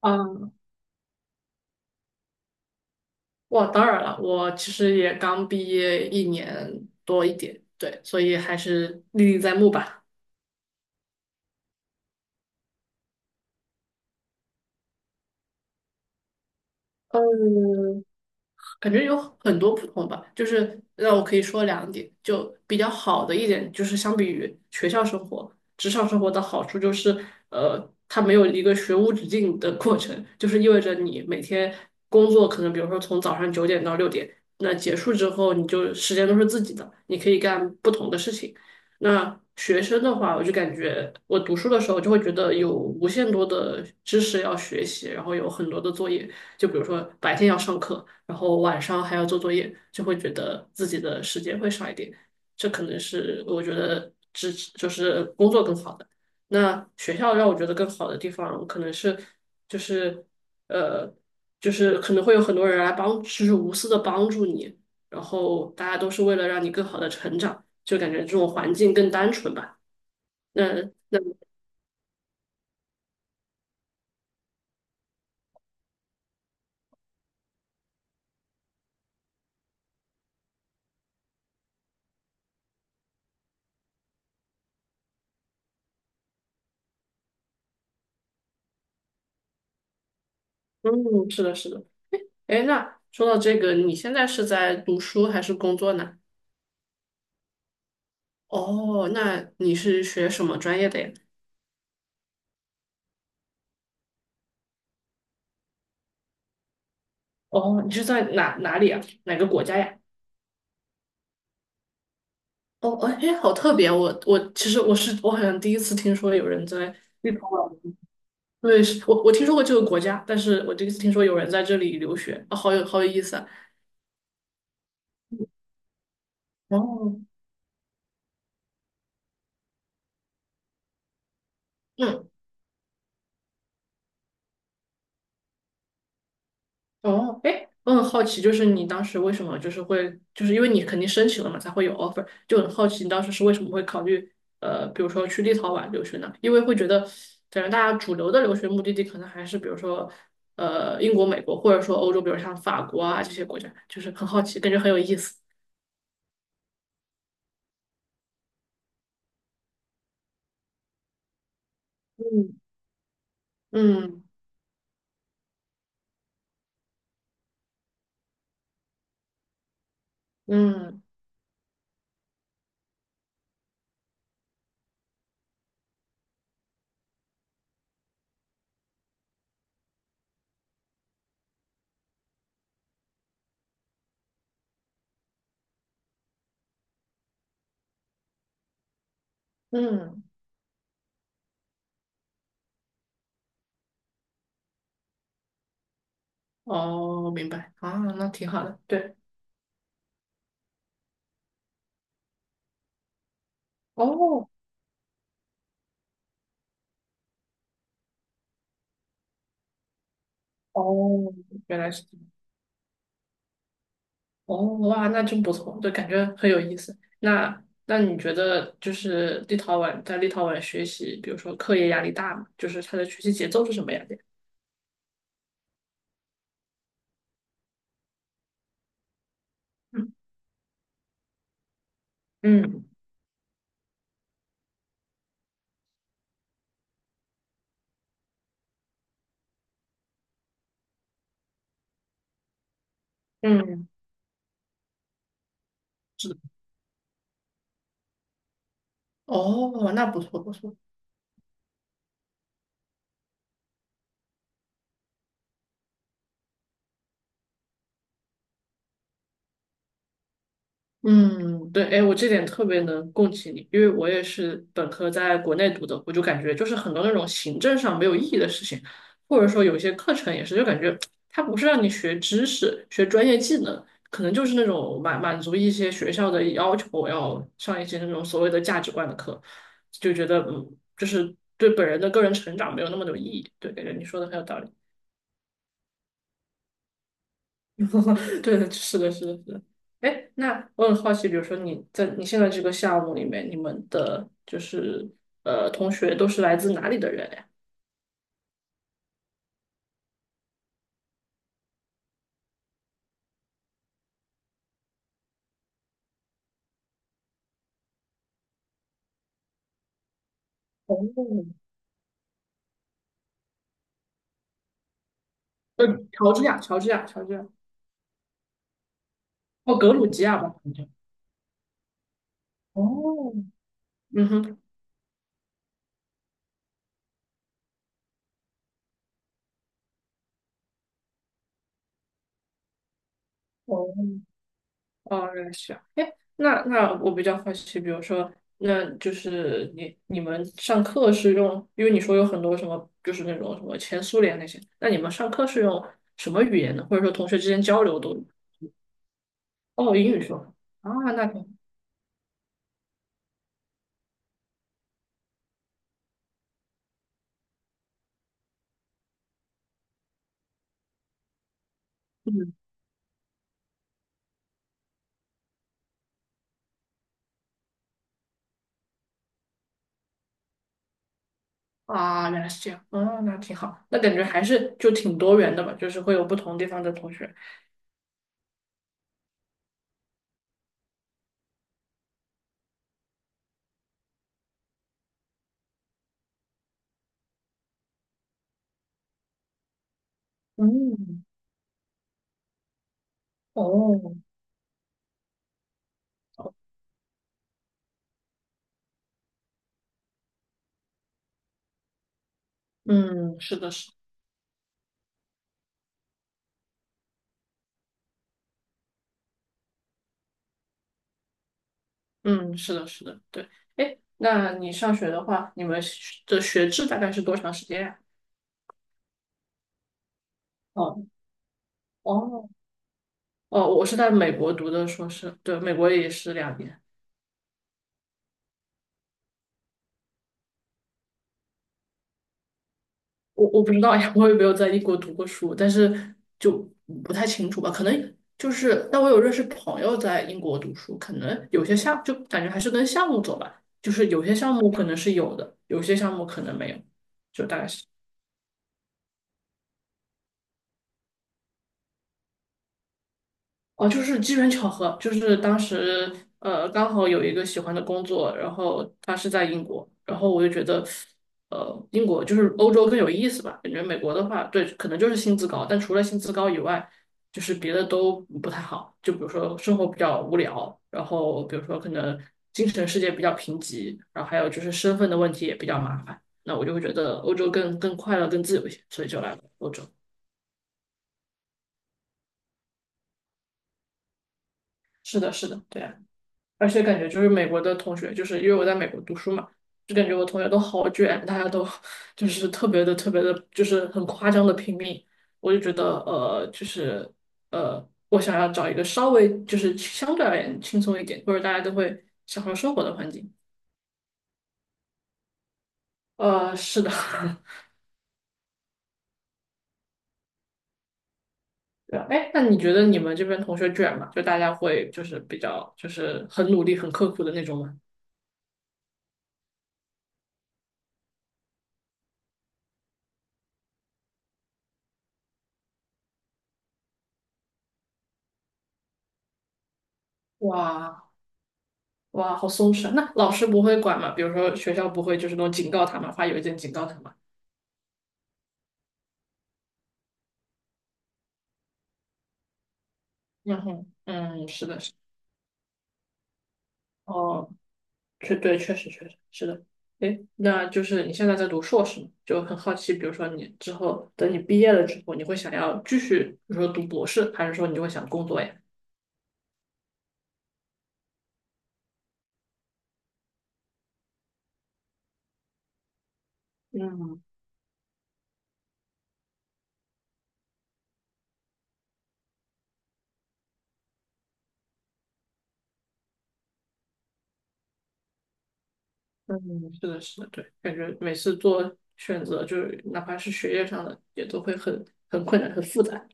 嗯，哇，当然了，我其实也刚毕业一年多一点，对，所以还是历历在目吧。嗯，感觉有很多不同吧，就是那我可以说两点，就比较好的一点就是相比于学校生活，职场生活的好处就是，它没有一个学无止境的过程，就是意味着你每天工作可能比如说从早上9点到6点，那结束之后你就时间都是自己的，你可以干不同的事情。那学生的话，我就感觉我读书的时候就会觉得有无限多的知识要学习，然后有很多的作业。就比如说白天要上课，然后晚上还要做作业，就会觉得自己的时间会少一点。这可能是我觉得只就是工作更好的。那学校让我觉得更好的地方，可能是就是呃，就是可能会有很多人来帮，就是无私的帮助你，然后大家都是为了让你更好的成长，就感觉这种环境更单纯吧。那那嗯，是的，是的。哎，那说到这个，你现在是在读书还是工作呢？哦，那你是学什么专业的呀？哦，你是在哪里啊？哪个国家呀？哦，哦哎，好特别！我其实我是我好像第一次听说有人在立陶宛对，是我听说过这个国家，但是我第一次听说有人在这里留学，啊，好有意思啊！哦，嗯，哦，哎，我很好奇，就是你当时为什么就是会，就是因为你肯定申请了嘛，才会有 offer,就很好奇你当时是为什么会考虑，比如说去立陶宛留学呢？因为会觉得，感觉大家主流的留学目的地可能还是比如说，英国、美国，或者说欧洲，比如像法国啊这些国家，就是很好奇，感觉很有意思。嗯嗯嗯嗯，哦，明白啊，那挺好的，对，哦哦，原来是。哦，哇，那真不错，就感觉很有意思。那你觉得就是立陶宛在立陶宛学习，比如说课业压力大吗？就是他的学习节奏是什么样的呀？嗯嗯，嗯，是的哦，那不错不错。嗯，对，哎，我这点特别能共情你，因为我也是本科在国内读的，我就感觉就是很多那种行政上没有意义的事情，或者说有一些课程也是，就感觉 它不是让你学知识、学专业技能，可能就是那种满满足一些学校的要求，要上一些那种所谓的价值观的课，就觉得嗯，就是对本人的个人成长没有那么有意义。对，感觉你说的很有道理。对，是的，是的，是的。哎，那我很好奇，比如说你在你现在这个项目里面，你们的就是同学都是来自哪里的人呀？哦，呃，乔治亚，乔治亚，乔治亚，哦，格鲁吉亚吧，好像哦，嗯哼。哦，哦，认识啊。哎，那那我比较好奇，比如说，那就是你你们上课是用，因为你说有很多什么，就是那种什么前苏联那些，那你们上课是用什么语言呢？或者说同学之间交流都哦，英语说啊，那挺，嗯，啊，原来是这样，啊，那挺好，那感觉还是就挺多元的吧，就是会有不同地方的同学。嗯，哦，嗯，是的，是，嗯，是的，是的，对。哎，那你上学的话，你们学的学制大概是多长时间呀？哦，哦，哦，我是在美国读的硕士，对，美国也是2年。我不知道呀，我也没有在英国读过书，但是就不太清楚吧，可能就是，但我有认识朋友在英国读书，可能有些项就感觉还是跟项目走吧，就是有些项目可能是有的，有些项目可能没有，就大概是。哦，就是机缘巧合，就是当时刚好有一个喜欢的工作，然后他是在英国，然后我就觉得，英国就是欧洲更有意思吧，感觉美国的话，对，可能就是薪资高，但除了薪资高以外，就是别的都不太好，就比如说生活比较无聊，然后比如说可能精神世界比较贫瘠，然后还有就是身份的问题也比较麻烦，那我就会觉得欧洲更快乐、更自由一些，所以就来了欧洲。是的，是的，对啊而且感觉就是美国的同学，就是因为我在美国读书嘛，就感觉我同学都好卷，大家都 就是特别的、特别的，就是很夸张的拼命。我就觉得，就是我想要找一个稍微就是相对而言轻松一点，或者大家都会享受生活的环境。是的，对啊。哎，那你觉得你们这边同学卷吗？就大家会就是比较就是很努力、很刻苦的那种吗？哇，哇，好松弛啊！那老师不会管吗？比如说学校不会就是那种警告他们，发邮件警告他们。然后，嗯，是的，是的哦，确实确实是的。诶，那就是你现在在读硕士嘛，就很好奇，比如说你之后等你毕业了之后，你会想要继续，比如说读博士，还是说你就会想工作呀？嗯嗯，是的，是的，对，感觉每次做选择，就是哪怕是学业上的，也都会很困难，很复杂。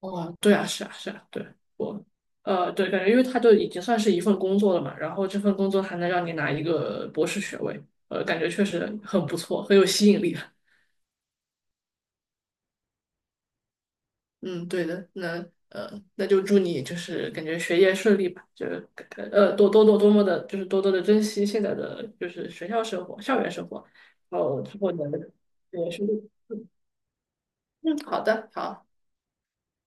哦，对啊，是啊，是啊，对，我，对，感觉因为它就已经算是一份工作了嘛，然后这份工作还能让你拿一个博士学位，感觉确实很不错，很有吸引力。嗯，对的，那就祝你就是感觉学业顺利吧，就是多多的珍惜现在的就是学校生活、校园生活，然后之后能也顺利。嗯，好的，好。